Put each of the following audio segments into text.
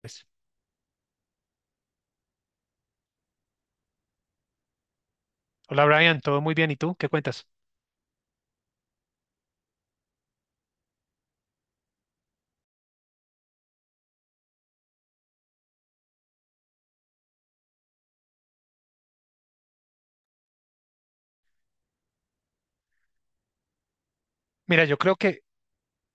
Pues. Hola, Brian, todo muy bien. ¿Y tú? ¿Qué cuentas? Mira, yo creo que,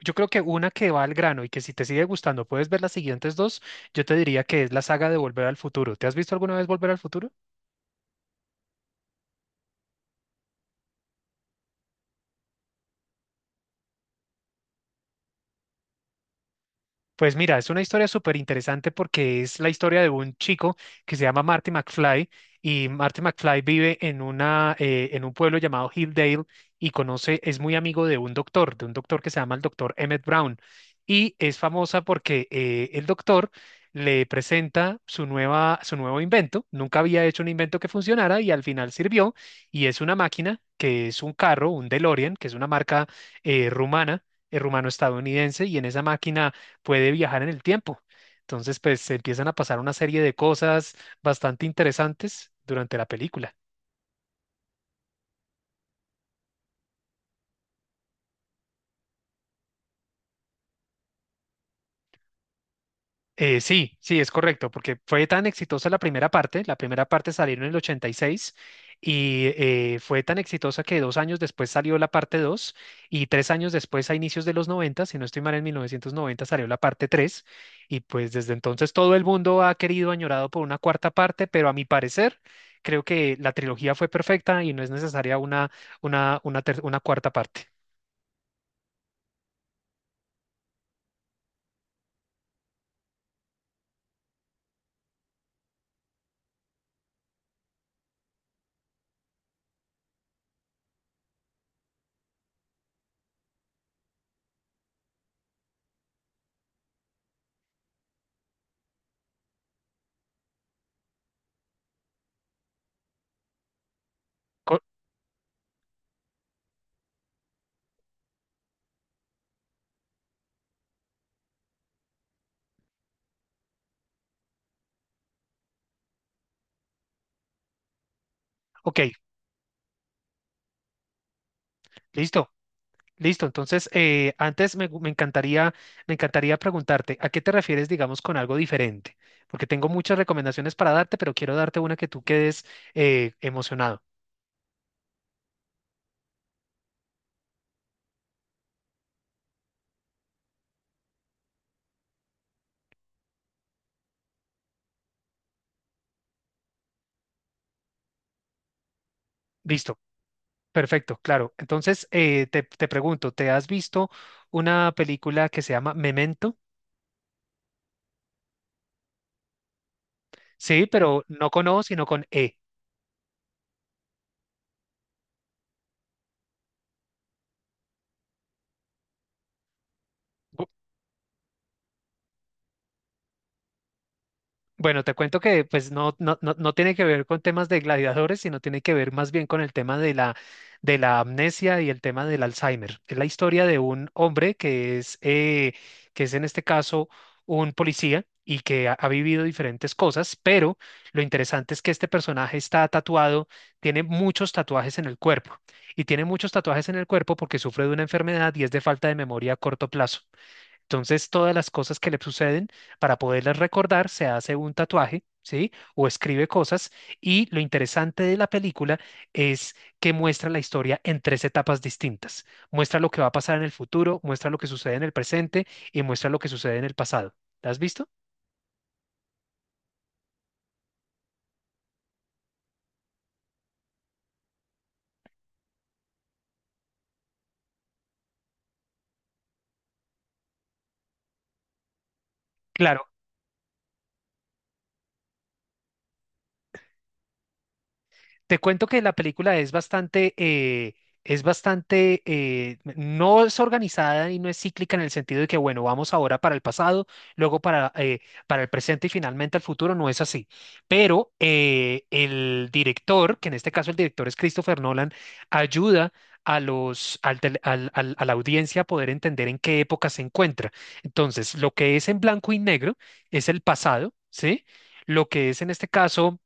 yo creo que una que va al grano y que si te sigue gustando puedes ver las siguientes dos, yo te diría que es la saga de Volver al Futuro. ¿Te has visto alguna vez Volver al Futuro? Pues mira, es una historia súper interesante porque es la historia de un chico que se llama Marty McFly y Marty McFly vive en un pueblo llamado Hilldale y es muy amigo de un doctor que se llama el doctor Emmett Brown y es famosa porque el doctor le presenta su nuevo invento, nunca había hecho un invento que funcionara y al final sirvió, y es una máquina que es un carro, un DeLorean, que es una marca eh, rumana, rumano-estadounidense, y en esa máquina puede viajar en el tiempo. Entonces, pues empiezan a pasar una serie de cosas bastante interesantes durante la película. Sí, sí, es correcto, porque fue tan exitosa la primera parte salieron en el 86 y fue tan exitosa que 2 años después salió la parte dos, y 3 años después, a inicios de los 90, si no estoy mal, en 1990 salió la parte tres. Y pues desde entonces todo el mundo ha querido, añorado por una cuarta parte, pero a mi parecer creo que la trilogía fue perfecta y no es necesaria una cuarta parte. Co- ok, listo. Listo, entonces antes me, gu- me encantaría preguntarte, ¿a qué te refieres, digamos, con algo diferente? Porque tengo muchas recomendaciones para darte, pero quiero darte una que tú quedes emocionado. Listo, perfecto, claro. Entonces te pregunto, ¿te has visto una película que se llama Memento? Sí, pero no con O, sino con E. Bueno, te cuento que pues no, no, no, no tiene que ver con temas de gladiadores, sino tiene que ver más bien con el tema de la amnesia y el tema del Alzheimer. Es la historia de un hombre que que es en este caso un policía y que ha vivido diferentes cosas, pero lo interesante es que este personaje está tatuado, tiene muchos tatuajes en el cuerpo, y tiene muchos tatuajes en el cuerpo porque sufre de una enfermedad y es de falta de memoria a corto plazo. Entonces, todas las cosas que le suceden, para poderlas recordar, se hace un tatuaje, ¿sí? O escribe cosas. Y lo interesante de la película es que muestra la historia en tres etapas distintas. Muestra lo que va a pasar en el futuro, muestra lo que sucede en el presente y muestra lo que sucede en el pasado. ¿La has visto? Claro. Te cuento que la película no es organizada y no es cíclica en el sentido de que, bueno, vamos ahora para el pasado, luego para el presente y finalmente al futuro, no es así. Pero el director, que en este caso el director es Christopher Nolan, ayuda a los, al tele- al- al- a la audiencia a poder entender en qué época se encuentra. Entonces, lo que es en blanco y negro es el pasado, ¿sí? Lo que es en este caso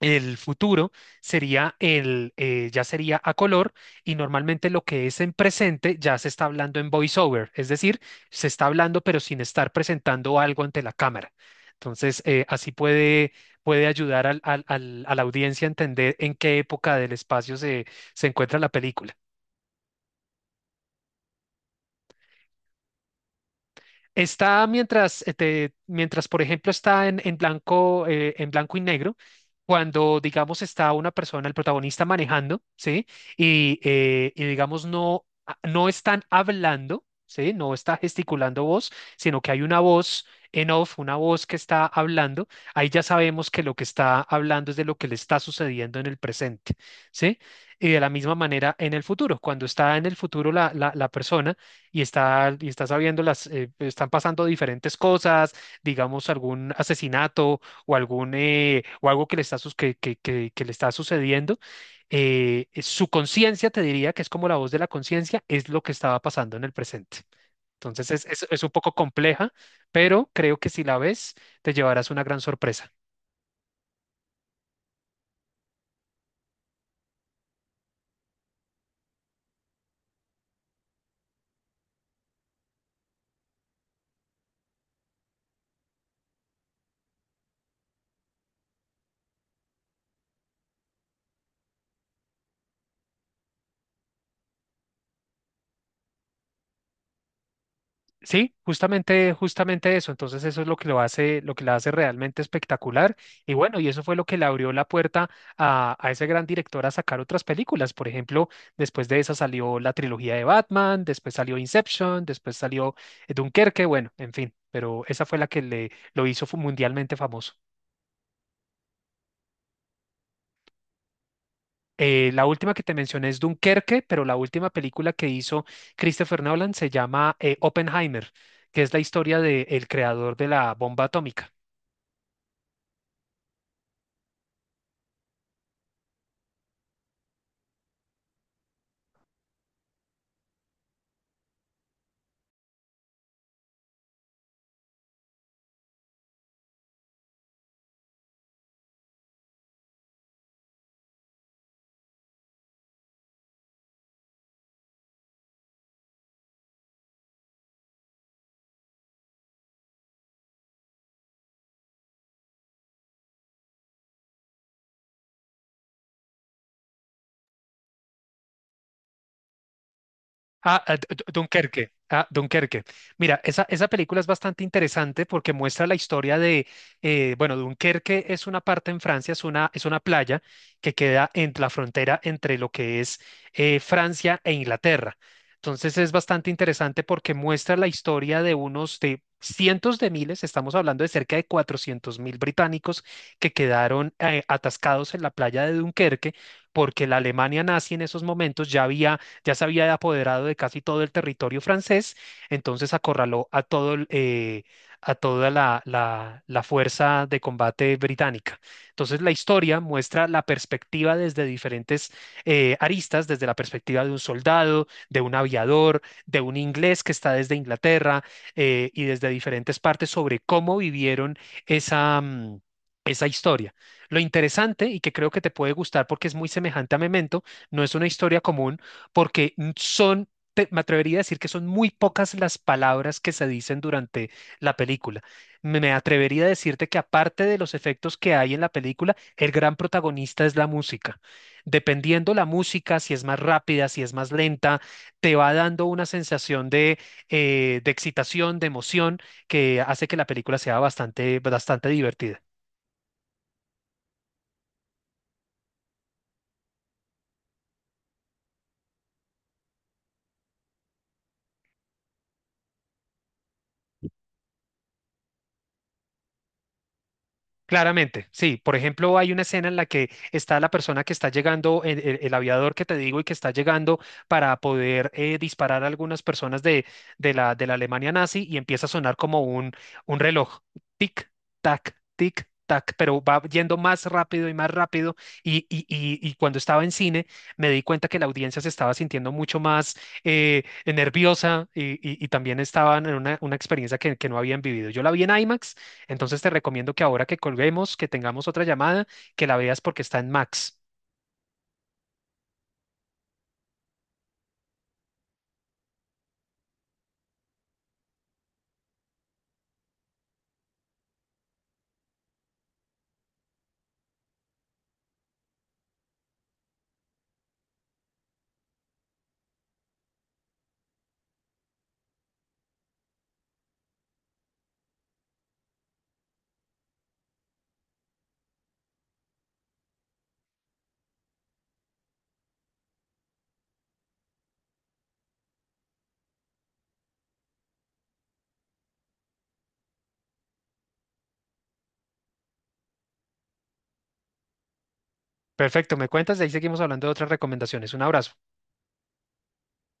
el futuro sería ya sería a color, y normalmente lo que es en presente ya se está hablando en voiceover, es decir, se está hablando pero sin estar presentando algo ante la cámara. Entonces, así puede ayudar a la audiencia a entender en qué época del espacio se encuentra la película. Mientras, por ejemplo, está en blanco y negro, cuando, digamos, está una persona, el protagonista manejando, ¿sí? Y digamos, no están hablando, ¿sí? No está gesticulando voz, sino que hay una voz en off, una voz que está hablando. Ahí ya sabemos que lo que está hablando es de lo que le está sucediendo en el presente, ¿sí? Y de la misma manera en el futuro, cuando está en el futuro la persona y está sabiendo están pasando diferentes cosas, digamos algún asesinato o o algo que le está, que le está sucediendo, su conciencia te diría que es como la voz de la conciencia, es lo que estaba pasando en el presente. Entonces es un poco compleja, pero creo que si la ves, te llevarás una gran sorpresa. Sí, justamente, justamente eso. Entonces eso es lo que lo hace, lo que la hace realmente espectacular. Y bueno, y eso fue lo que le abrió la puerta a ese gran director a sacar otras películas. Por ejemplo, después de esa salió la trilogía de Batman, después salió Inception, después salió Dunkerque, bueno, en fin. Pero esa fue la que le lo hizo mundialmente famoso. La última que te mencioné es Dunkerque, pero la última película que hizo Christopher Nolan se llama Oppenheimer, que es la historia del creador de la bomba atómica. Ah, ah, Dunkerque. Ah, Dunkerque. Mira, esa película es bastante interesante porque muestra la historia bueno, Dunkerque es una parte en Francia, es una playa que queda en la frontera entre lo que es Francia e Inglaterra. Entonces es bastante interesante porque muestra la historia de unos de cientos de miles, estamos hablando de cerca de 400.000 británicos que quedaron atascados en la playa de Dunkerque, porque la Alemania nazi en esos momentos ya se había apoderado de casi todo el territorio francés, entonces acorraló a toda la fuerza de combate británica. Entonces la historia muestra la perspectiva desde diferentes aristas, desde la perspectiva de un soldado, de un aviador, de un inglés que está desde Inglaterra, y desde diferentes partes sobre cómo vivieron esa... mm, esa historia. Lo interesante, y que creo que te puede gustar porque es muy semejante a Memento, no es una historia común, porque me atrevería a decir que son muy pocas las palabras que se dicen durante la película. Me atrevería a decirte que aparte de los efectos que hay en la película, el gran protagonista es la música. Dependiendo la música, si es más rápida, si es más lenta, te va dando una sensación de excitación, de emoción, que hace que la película sea bastante, bastante divertida. Claramente, sí. Por ejemplo, hay una escena en la que está la persona que está llegando, el aviador que te digo, y que está llegando para poder disparar a algunas personas de la Alemania nazi, y empieza a sonar como un reloj. Tic, tic, tac, pero va yendo más rápido y más rápido. Y cuando estaba en cine, me di cuenta que la audiencia se estaba sintiendo mucho más nerviosa, y también estaban en una experiencia que no habían vivido. Yo la vi en IMAX, entonces te recomiendo que ahora que colguemos, que tengamos otra llamada, que la veas porque está en Max. Perfecto, me cuentas y ahí seguimos hablando de otras recomendaciones. Un abrazo.